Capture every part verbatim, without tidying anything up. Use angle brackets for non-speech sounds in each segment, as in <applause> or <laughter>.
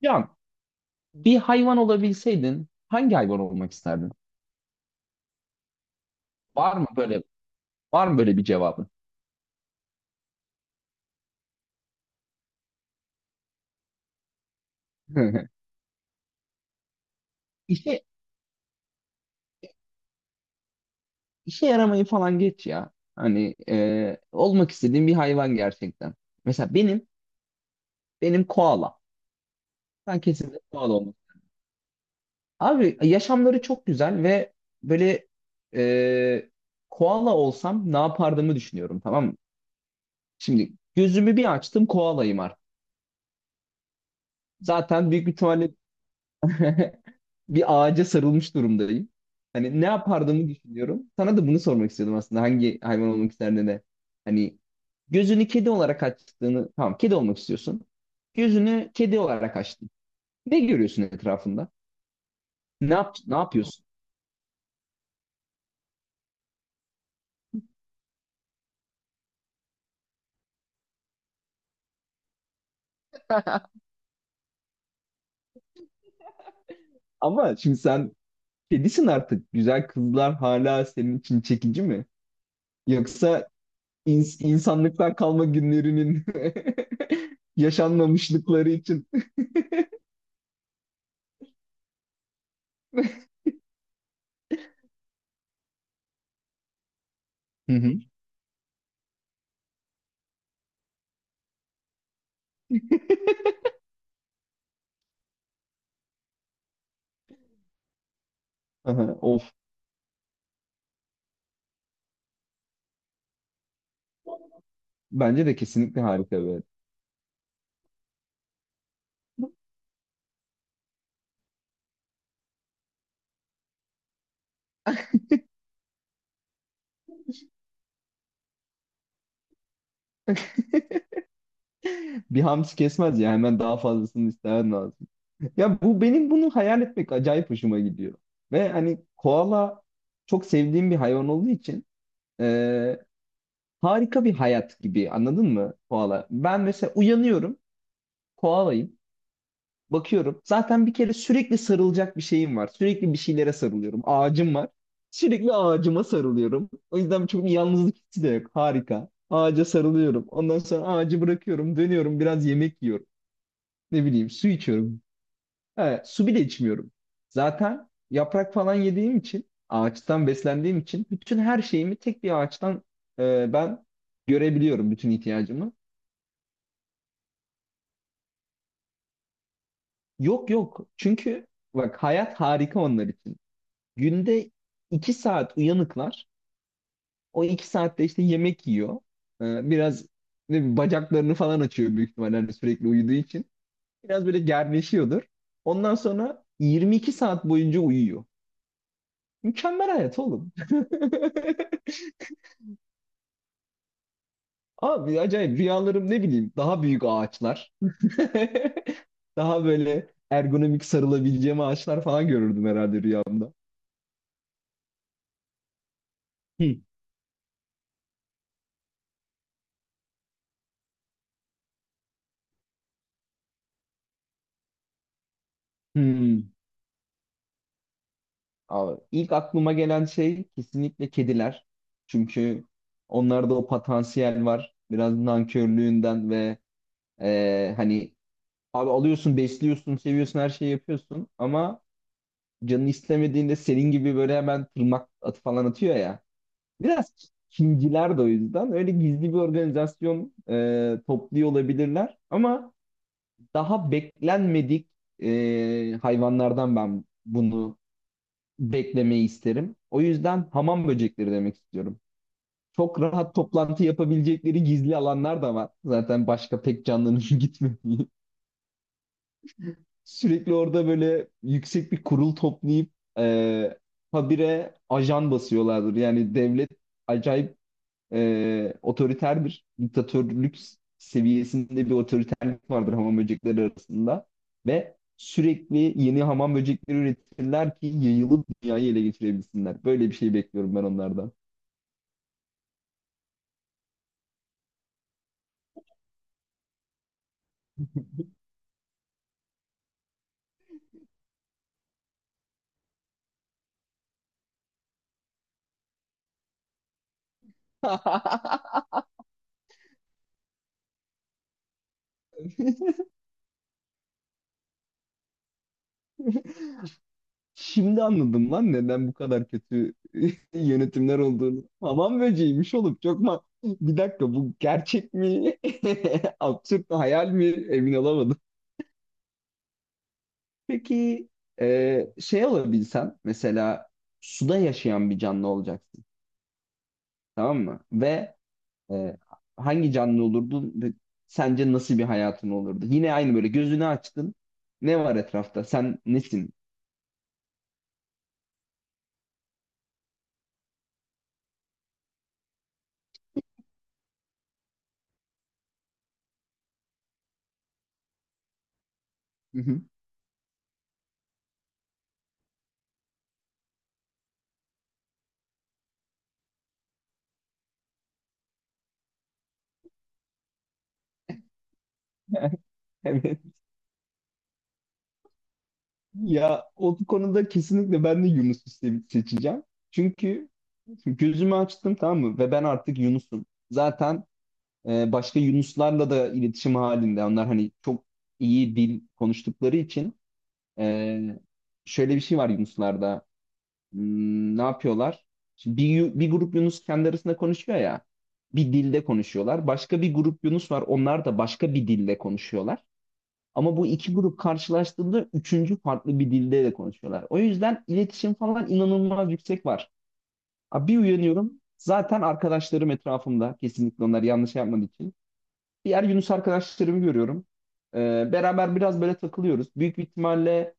Ya bir hayvan olabilseydin hangi hayvan olmak isterdin? Var mı böyle var mı böyle bir cevabın? <laughs> İşe işe yaramayı falan geç ya. Hani e, olmak istediğim bir hayvan gerçekten. Mesela benim benim koala. Ben kesinlikle koala olmak. Abi yaşamları çok güzel ve böyle e, koala olsam ne yapardığımı düşünüyorum, tamam mı? Şimdi gözümü bir açtım, koalayım artık. Zaten büyük bir ihtimalle <laughs> bir ağaca sarılmış durumdayım. Hani ne yapardığımı düşünüyorum. Sana da bunu sormak istiyordum aslında. Hangi hayvan olmak isterdin de. Hani gözünü kedi olarak açtığını. Tamam, kedi olmak istiyorsun. Gözünü kedi olarak açtın. Ne görüyorsun etrafında? Ne yap ne yapıyorsun? Ama şimdi sen kedisin artık. Güzel kızlar hala senin için çekici mi? Yoksa ins- insanlıktan kalma günlerinin <laughs> yaşanmamışlıkları için. Hı hı. Aha, of. Bence de kesinlikle harika bir. <laughs> Bir hamsi kesmez ya, hemen daha fazlasını istemen lazım. Ya bu, benim bunu hayal etmek acayip hoşuma gidiyor. Ve hani koala çok sevdiğim bir hayvan olduğu için e, harika bir hayat gibi, anladın mı koala? Ben mesela uyanıyorum, koalayım, bakıyorum zaten bir kere sürekli sarılacak bir şeyim var. Sürekli bir şeylere sarılıyorum, ağacım var. Sürekli ağacıma sarılıyorum. O yüzden çok bir yalnızlık hissi de yok, harika. Ağaca sarılıyorum. Ondan sonra ağacı bırakıyorum, dönüyorum, biraz yemek yiyorum. Ne bileyim, su içiyorum. Ha, su bile içmiyorum. Zaten yaprak falan yediğim için, ağaçtan beslendiğim için bütün her şeyimi tek bir ağaçtan e, ben görebiliyorum, bütün ihtiyacımı. Yok yok. Çünkü bak, hayat harika onlar için. Günde iki saat uyanıklar. O iki saatte işte yemek yiyor. E, biraz ne bileyim, bacaklarını falan açıyor büyük ihtimalle, hani sürekli uyuduğu için. Biraz böyle gerleşiyordur. Ondan sonra 22 saat boyunca uyuyor. Mükemmel hayat oğlum. <laughs> Abi acayip rüyalarım, ne bileyim, daha büyük ağaçlar. <laughs> Daha böyle ergonomik sarılabileceğim ağaçlar falan görürdüm herhalde rüyamda. Hı. Hmm. Abi, ilk aklıma gelen şey kesinlikle kediler. Çünkü onlarda o potansiyel var. Biraz nankörlüğünden ve e, hani abi alıyorsun, besliyorsun, seviyorsun, her şeyi yapıyorsun ama canın istemediğinde senin gibi böyle hemen tırnak atı falan atıyor ya. Biraz Çinciler de o yüzden. Öyle gizli bir organizasyon e, topluyor olabilirler. Ama daha beklenmedik e, hayvanlardan ben bunu beklemeyi isterim. O yüzden hamam böcekleri demek istiyorum. Çok rahat toplantı yapabilecekleri gizli alanlar da var. Zaten başka pek canlının <laughs> gitmediği. Sürekli orada böyle yüksek bir kurul toplayıp e, habire ajan basıyorlardır. Yani devlet acayip e, otoriter bir diktatörlük seviyesinde bir otoriterlik vardır hamam böcekleri arasında ve sürekli yeni hamam böcekleri üretirler ki yayılıp dünyayı ele geçirebilsinler. Böyle bir şey bekliyorum ben onlardan. <laughs> Şimdi anladım lan neden bu kadar kötü <laughs> yönetimler olduğunu. Hamam böceğiymiş oğlum. Çok ma bir dakika, bu gerçek mi? <laughs> Absürt mü? Hayal mi? Emin olamadım. Peki e, şey olabilsen, mesela suda yaşayan bir canlı olacaksın, tamam mı? Ve e, hangi canlı olurdun ve sence nasıl bir hayatın olurdu? Yine aynı, böyle gözünü açtın. Ne var etrafta? Sen nesin? Hı hı. <laughs> Evet. Ya o konuda kesinlikle ben de Yunus'u se- seçeceğim. Çünkü gözümü açtım, tamam mı? Ve ben artık Yunus'um. Zaten e, başka Yunuslarla da iletişim halinde. Onlar hani çok iyi dil konuştukları için. Ee, şöyle bir şey var Yunuslarda. Hmm, ne yapıyorlar? Şimdi bir, yu- bir grup Yunus kendi arasında konuşuyor ya. Bir dilde konuşuyorlar. Başka bir grup Yunus var. Onlar da başka bir dilde konuşuyorlar. Ama bu iki grup karşılaştığında üçüncü farklı bir dilde de konuşuyorlar. O yüzden iletişim falan inanılmaz yüksek var. Abi bir uyanıyorum. Zaten arkadaşlarım etrafımda. Kesinlikle onlar yanlış yapmadığı için. Diğer Yunus arkadaşlarımı görüyorum. Ee, beraber biraz böyle takılıyoruz. Büyük bir ihtimalle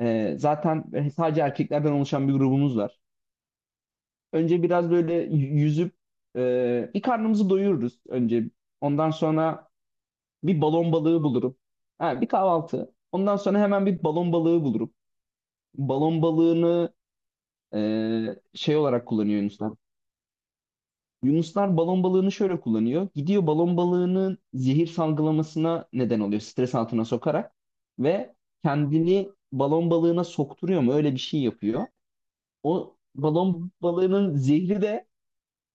ee, zaten e, sadece erkeklerden oluşan bir grubumuz var. Önce biraz böyle y- yüzüp e, bir karnımızı doyururuz önce. Ondan sonra bir balon balığı bulurum. Ha, bir kahvaltı. Ondan sonra hemen bir balon balığı bulurum. Balon balığını e, şey olarak kullanıyor Yunuslar. Yunuslar balon balığını şöyle kullanıyor. Gidiyor, balon balığının zehir salgılamasına neden oluyor. Stres altına sokarak ve kendini balon balığına sokturuyor mu? Öyle bir şey yapıyor. O balon balığının zehri de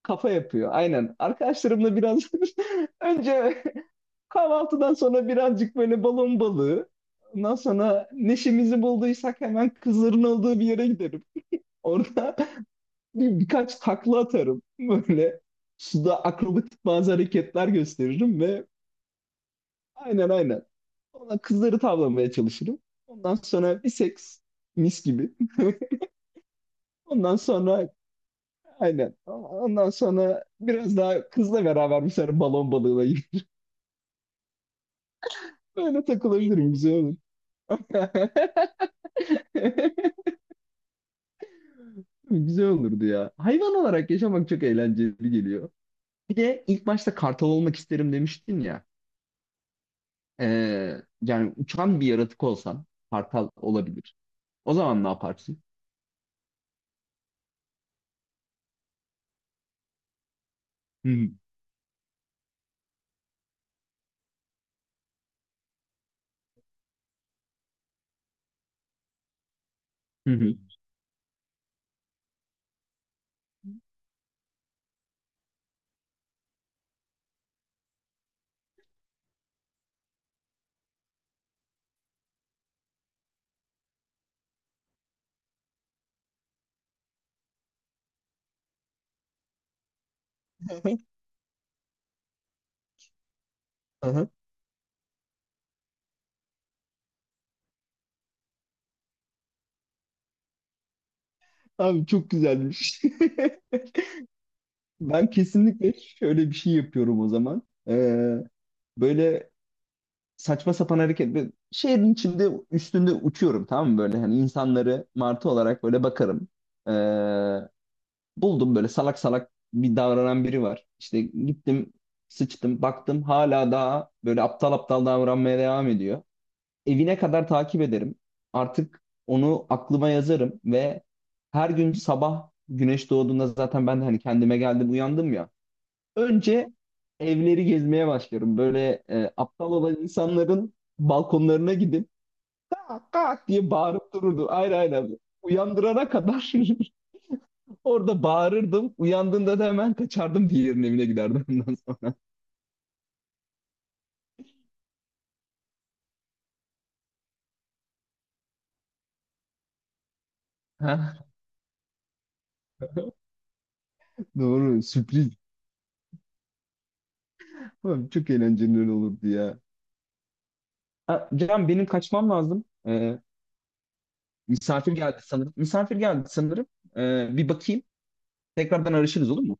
kafa yapıyor. Aynen. Arkadaşlarımla biraz <laughs> önce, kahvaltıdan sonra birazcık böyle balon balığı. Ondan sonra neşemizi bulduysak hemen kızların olduğu bir yere giderim. Orada <laughs> bir, birkaç takla atarım. Böyle suda akrobatik bazı hareketler gösteririm ve aynen, aynen. Ona kızları tavlamaya çalışırım. Ondan sonra bir seks, mis gibi. <laughs> Ondan sonra aynen. Ondan sonra biraz daha kızla beraber bir sefer balon balığına gidip <laughs> böyle takılabilirim. Güzel olur. <laughs> Güzel olurdu ya. Hayvan olarak yaşamak çok eğlenceli geliyor. Bir de ilk başta kartal olmak isterim demiştin ya. Ee, yani uçan bir yaratık olsan kartal olabilir. O zaman ne yaparsın? Hı hı. Hı hı. <laughs> Aha. Abi çok güzelmiş. <laughs> Ben kesinlikle şöyle bir şey yapıyorum o zaman. Ee, böyle saçma sapan hareket. Böyle şehrin içinde üstünde uçuyorum, tamam mı, böyle hani insanları martı olarak böyle bakarım. Ee, buldum, böyle salak salak bir davranan biri var. İşte gittim sıçtım, baktım hala daha böyle aptal aptal davranmaya devam ediyor. Evine kadar takip ederim. Artık onu aklıma yazarım ve her gün sabah güneş doğduğunda zaten ben de hani kendime geldim, uyandım ya. Önce evleri gezmeye başlıyorum. Böyle e, aptal olan insanların balkonlarına gidip kak kak diye bağırıp dururdum. Aynen, aynen. Uyandırana kadar <laughs> orada bağırırdım. Uyandığında da hemen kaçardım, diğerinin evine giderdim ondan sonra. <laughs> Ha, doğru, sürpriz. Ulan çok eğlenceli olurdu ya. Ha, Can benim, kaçmam lazım. Ee, misafir geldi sanırım. Misafir geldi sanırım. Ee, bir bakayım. Tekrardan arışırız, olur mu?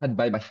Hadi bay bay.